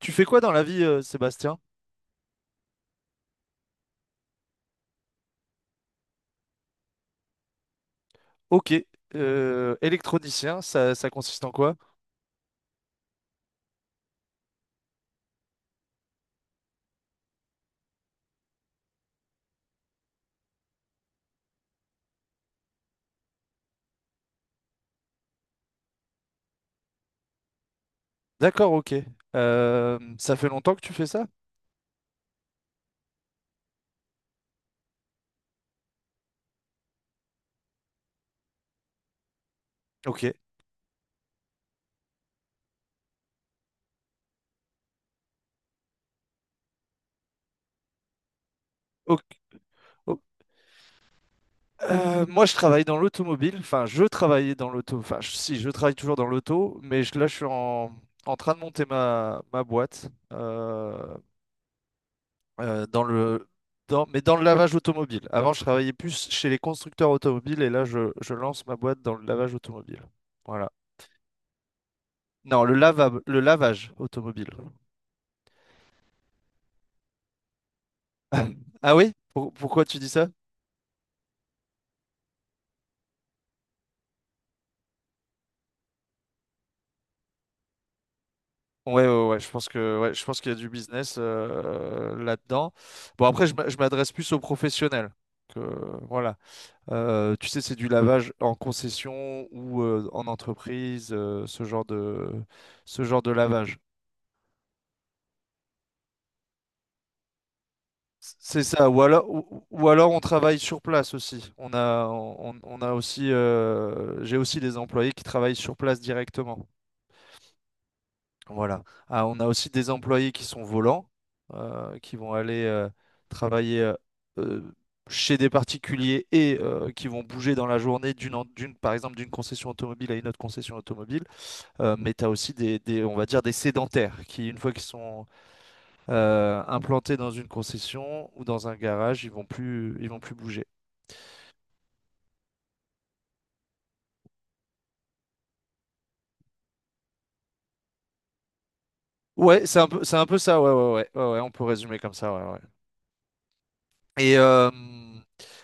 Tu fais quoi dans la vie, Sébastien? Ok. Électronicien, ça consiste en quoi? D'accord, ok. Ça fait longtemps que tu fais ça? Ok. Ok. o- Moi, je travaille dans l'automobile. Enfin, je travaillais dans l'auto. Enfin, si, je travaille toujours dans l'auto, mais là, je suis en, en train de monter ma boîte dans dans, mais dans le lavage automobile. Avant, je travaillais plus chez les constructeurs automobiles et là, je lance ma boîte dans le lavage automobile. Voilà. Non, le lavage automobile. Ah oui? Pourquoi tu dis ça? Ouais, ouais, ouais, je pense que je pense qu'il y a du business là-dedans. Bon, après, je m'adresse plus aux professionnels. Que, voilà. Tu sais, c'est du lavage en concession ou en entreprise, ce genre de lavage. C'est ça. Ou alors, on travaille sur place aussi. On a aussi, j'ai aussi des employés qui travaillent sur place directement. Voilà. Ah, on a aussi des employés qui sont volants, qui vont aller travailler euh, chez des particuliers et qui vont bouger dans la journée d'une, par exemple, d'une concession automobile à une autre concession automobile. Mais tu as aussi on va dire, des sédentaires qui, une fois qu'ils sont implantés dans une concession ou dans un garage, ils vont plus bouger. Ouais, c'est un peu ça. Ouais, on peut résumer comme ça. Ouais, ouais. Et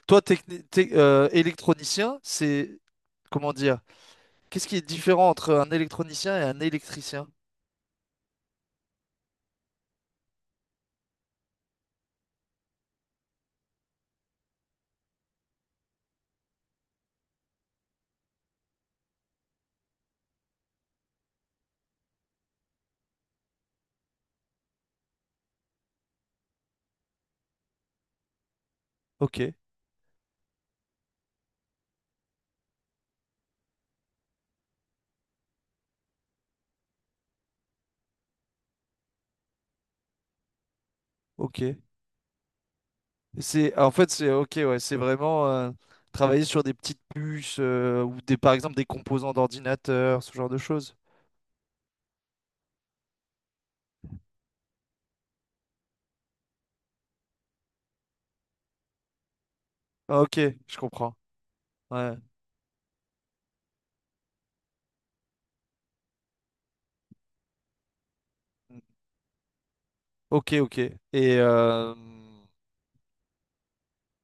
toi, électronicien, c'est comment dire? Qu'est-ce qui est différent entre un électronicien et un électricien? Ok, ok. C'est en fait c'est ok ouais, c'est vraiment travailler sur des petites puces ou des par exemple des composants d'ordinateur, ce genre de choses. Ah, ok, je comprends. Ouais. Ok, ok. Et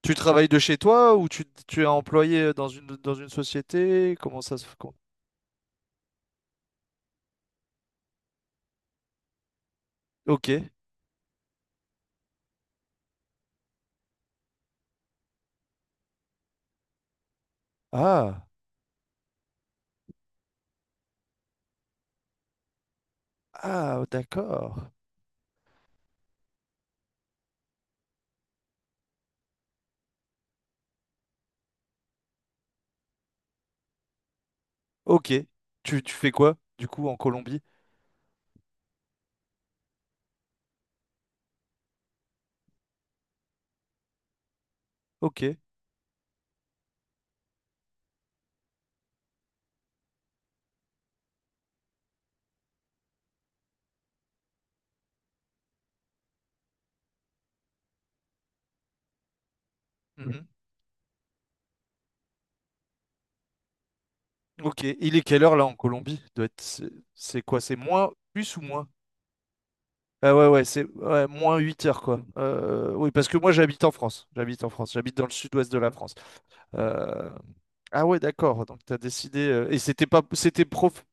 tu travailles de chez toi ou tu es employé dans une société? Comment ça se fait? Ok. Ah. Ah, oh, d'accord. Ok. Tu fais quoi, du coup, en Colombie? Ok. Mhm. Ok. Il est quelle heure là en Colombie? Doit être… c'est quoi? C'est moins plus ou moins? Ah ouais, ouais, c'est ouais, moins 8 heures quoi. Oui, parce que moi j'habite en France. J'habite en France. J'habite dans le sud-ouest de la France. Euh, Ah ouais, d'accord. Donc t'as décidé. Et c'était pas c'était prof.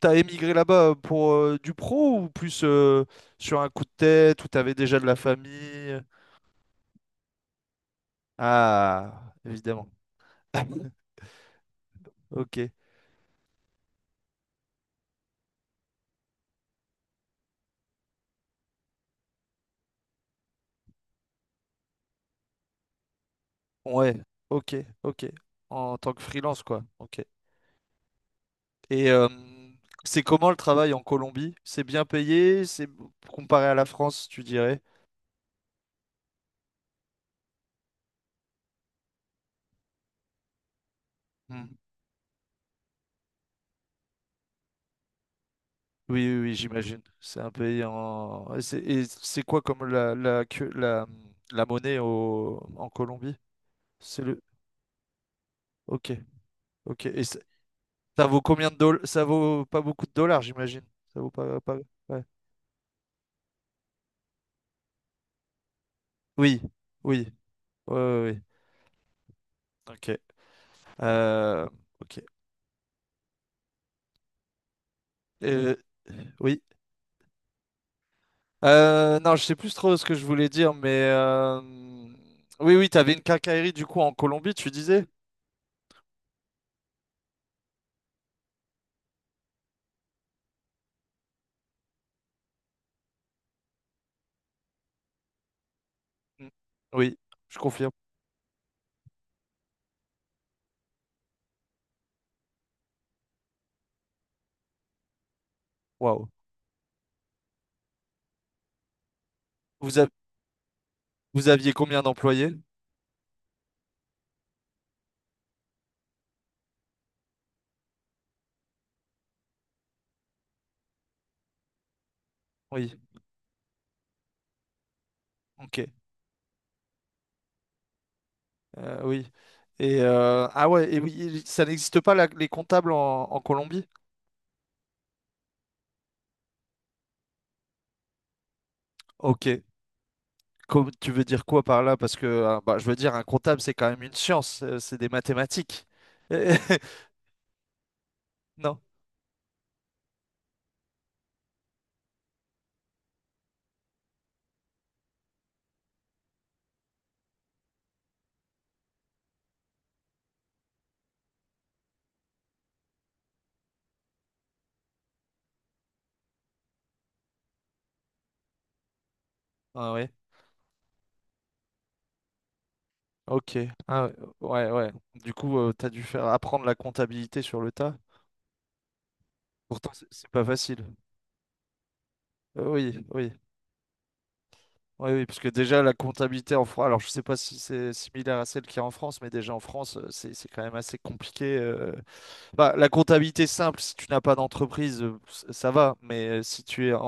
T'as émigré là-bas pour du pro ou plus sur un coup de tête où t'avais déjà de la famille? Ah, évidemment. Ok. Ouais. Ok. Ok. En tant que freelance, quoi. Ok. Et c'est comment le travail en Colombie? C'est bien payé? C'est comparé à la France, tu dirais? Hmm. Oui, oui, oui, j'imagine. C'est un pays en. Et c'est quoi comme la, la monnaie au, en Colombie? C'est le. Ok. Ok. Et c'est- ça vaut combien de dollars? Ça vaut pas beaucoup de dollars, j'imagine. Ça vaut pas. Pas- ouais. Oui. Oui. Oui. Oui. Ok. Euh, ok. Euh, oui. Non, je sais plus trop ce que je voulais dire, mais oui, oui, t'avais une quincaillerie du coup en Colombie, tu disais? Mm. Oui, je confirme. Waouh. Vous a- Vous aviez combien d'employés? Oui, ok. Oui. Et ah ouais, et oui, ça n'existe pas les comptables en Colombie? Ok. Tu veux dire quoi par là? Parce que bah, je veux dire, un comptable, c'est quand même une science, c'est des mathématiques. Non? Ah ouais, ok. Ah ouais, ouais, ouais. Du coup, t'as dû faire apprendre la comptabilité sur le tas. Pourtant, c'est pas facile. Oui, oui. Oui, oui, parce que déjà, la comptabilité en France, alors je sais pas si c'est similaire à celle qu'il y a en France, mais déjà en France, c'est quand même assez compliqué. Bah, la comptabilité simple, si tu n'as pas d'entreprise, ça va. Mais si tu es en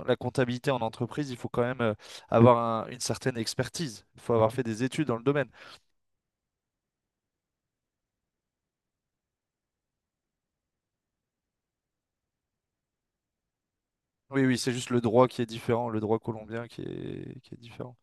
en- la comptabilité en entreprise, il faut quand même avoir une certaine expertise. Il faut avoir fait des études dans le domaine. Oui, oui, c'est juste le droit qui est différent, le droit colombien qui est différent.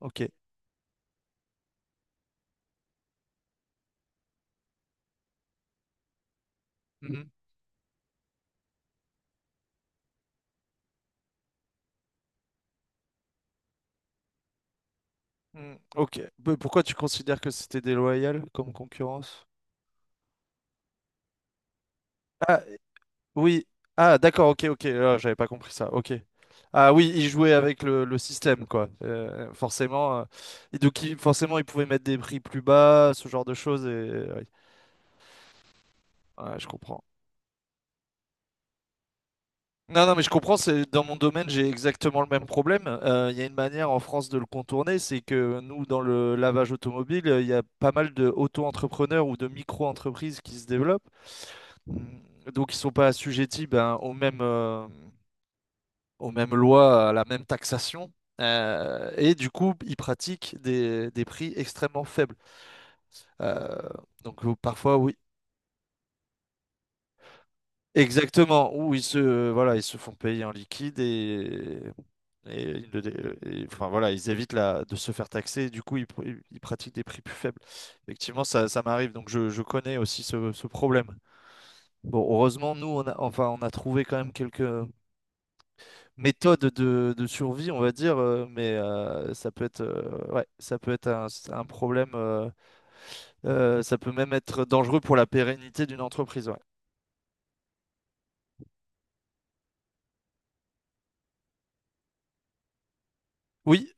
Ok. Mhm. Mm, ok. Pourquoi tu considères que c'était déloyal comme concurrence? Ah, oui. Ah, d'accord, ok, ok. Ah, j'avais pas compris ça. Ok. Ah oui, il jouait avec le système, quoi. Forcément, et donc forcément, il pouvait mettre des prix plus bas, ce genre de choses. Et oui. Ouais, je comprends. Non, non, mais je comprends. C'est dans mon domaine, j'ai exactement le même problème. Il y a une manière en France de le contourner, c'est que nous, dans le lavage automobile, il y a pas mal de auto-entrepreneurs ou de micro-entreprises qui se développent. Mm. Donc ils sont pas assujettis ben, aux mêmes lois, à la même taxation. Et du coup, ils pratiquent des prix extrêmement faibles. Euh, Parfois, oui. Exactement, où voilà, ils se font payer en liquide et enfin, voilà, ils évitent de se faire taxer et du coup, ils pratiquent des prix plus faibles. Effectivement, ça m'arrive, donc je connais aussi ce problème. Bon, heureusement, nous, on a, enfin, on a trouvé quand même quelques, méthode de survie, on va dire, mais ça peut être, ouais, ça peut être un problème, ça peut même être dangereux pour la pérennité d'une entreprise. Ouais. Oui,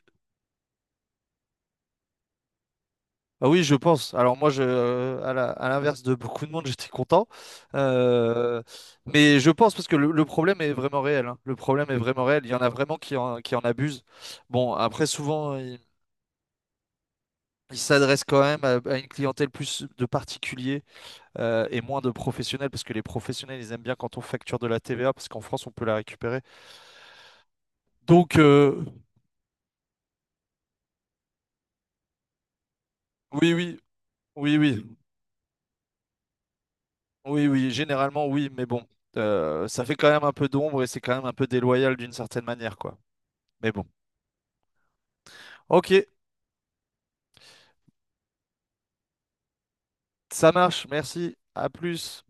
ah oui, je pense. Alors moi, à à l'inverse de beaucoup de monde, j'étais content. Euh, mais je pense parce que le problème est vraiment réel. Hein. Le problème est vraiment réel. Il y en a vraiment qui en abusent. Bon, après, souvent, ils ils s'adressent quand même à une clientèle plus de particuliers. Et moins de professionnels, parce que les professionnels, ils aiment bien quand on facture de la TVA, parce qu'en France, on peut la récupérer. Donc, oui, oui, oui, oui, oui, oui, généralement, oui, mais bon, ça fait quand même un peu d'ombre et c'est quand même un peu déloyal d'une certaine manière, quoi. Mais bon, ok, ça marche, merci, à plus.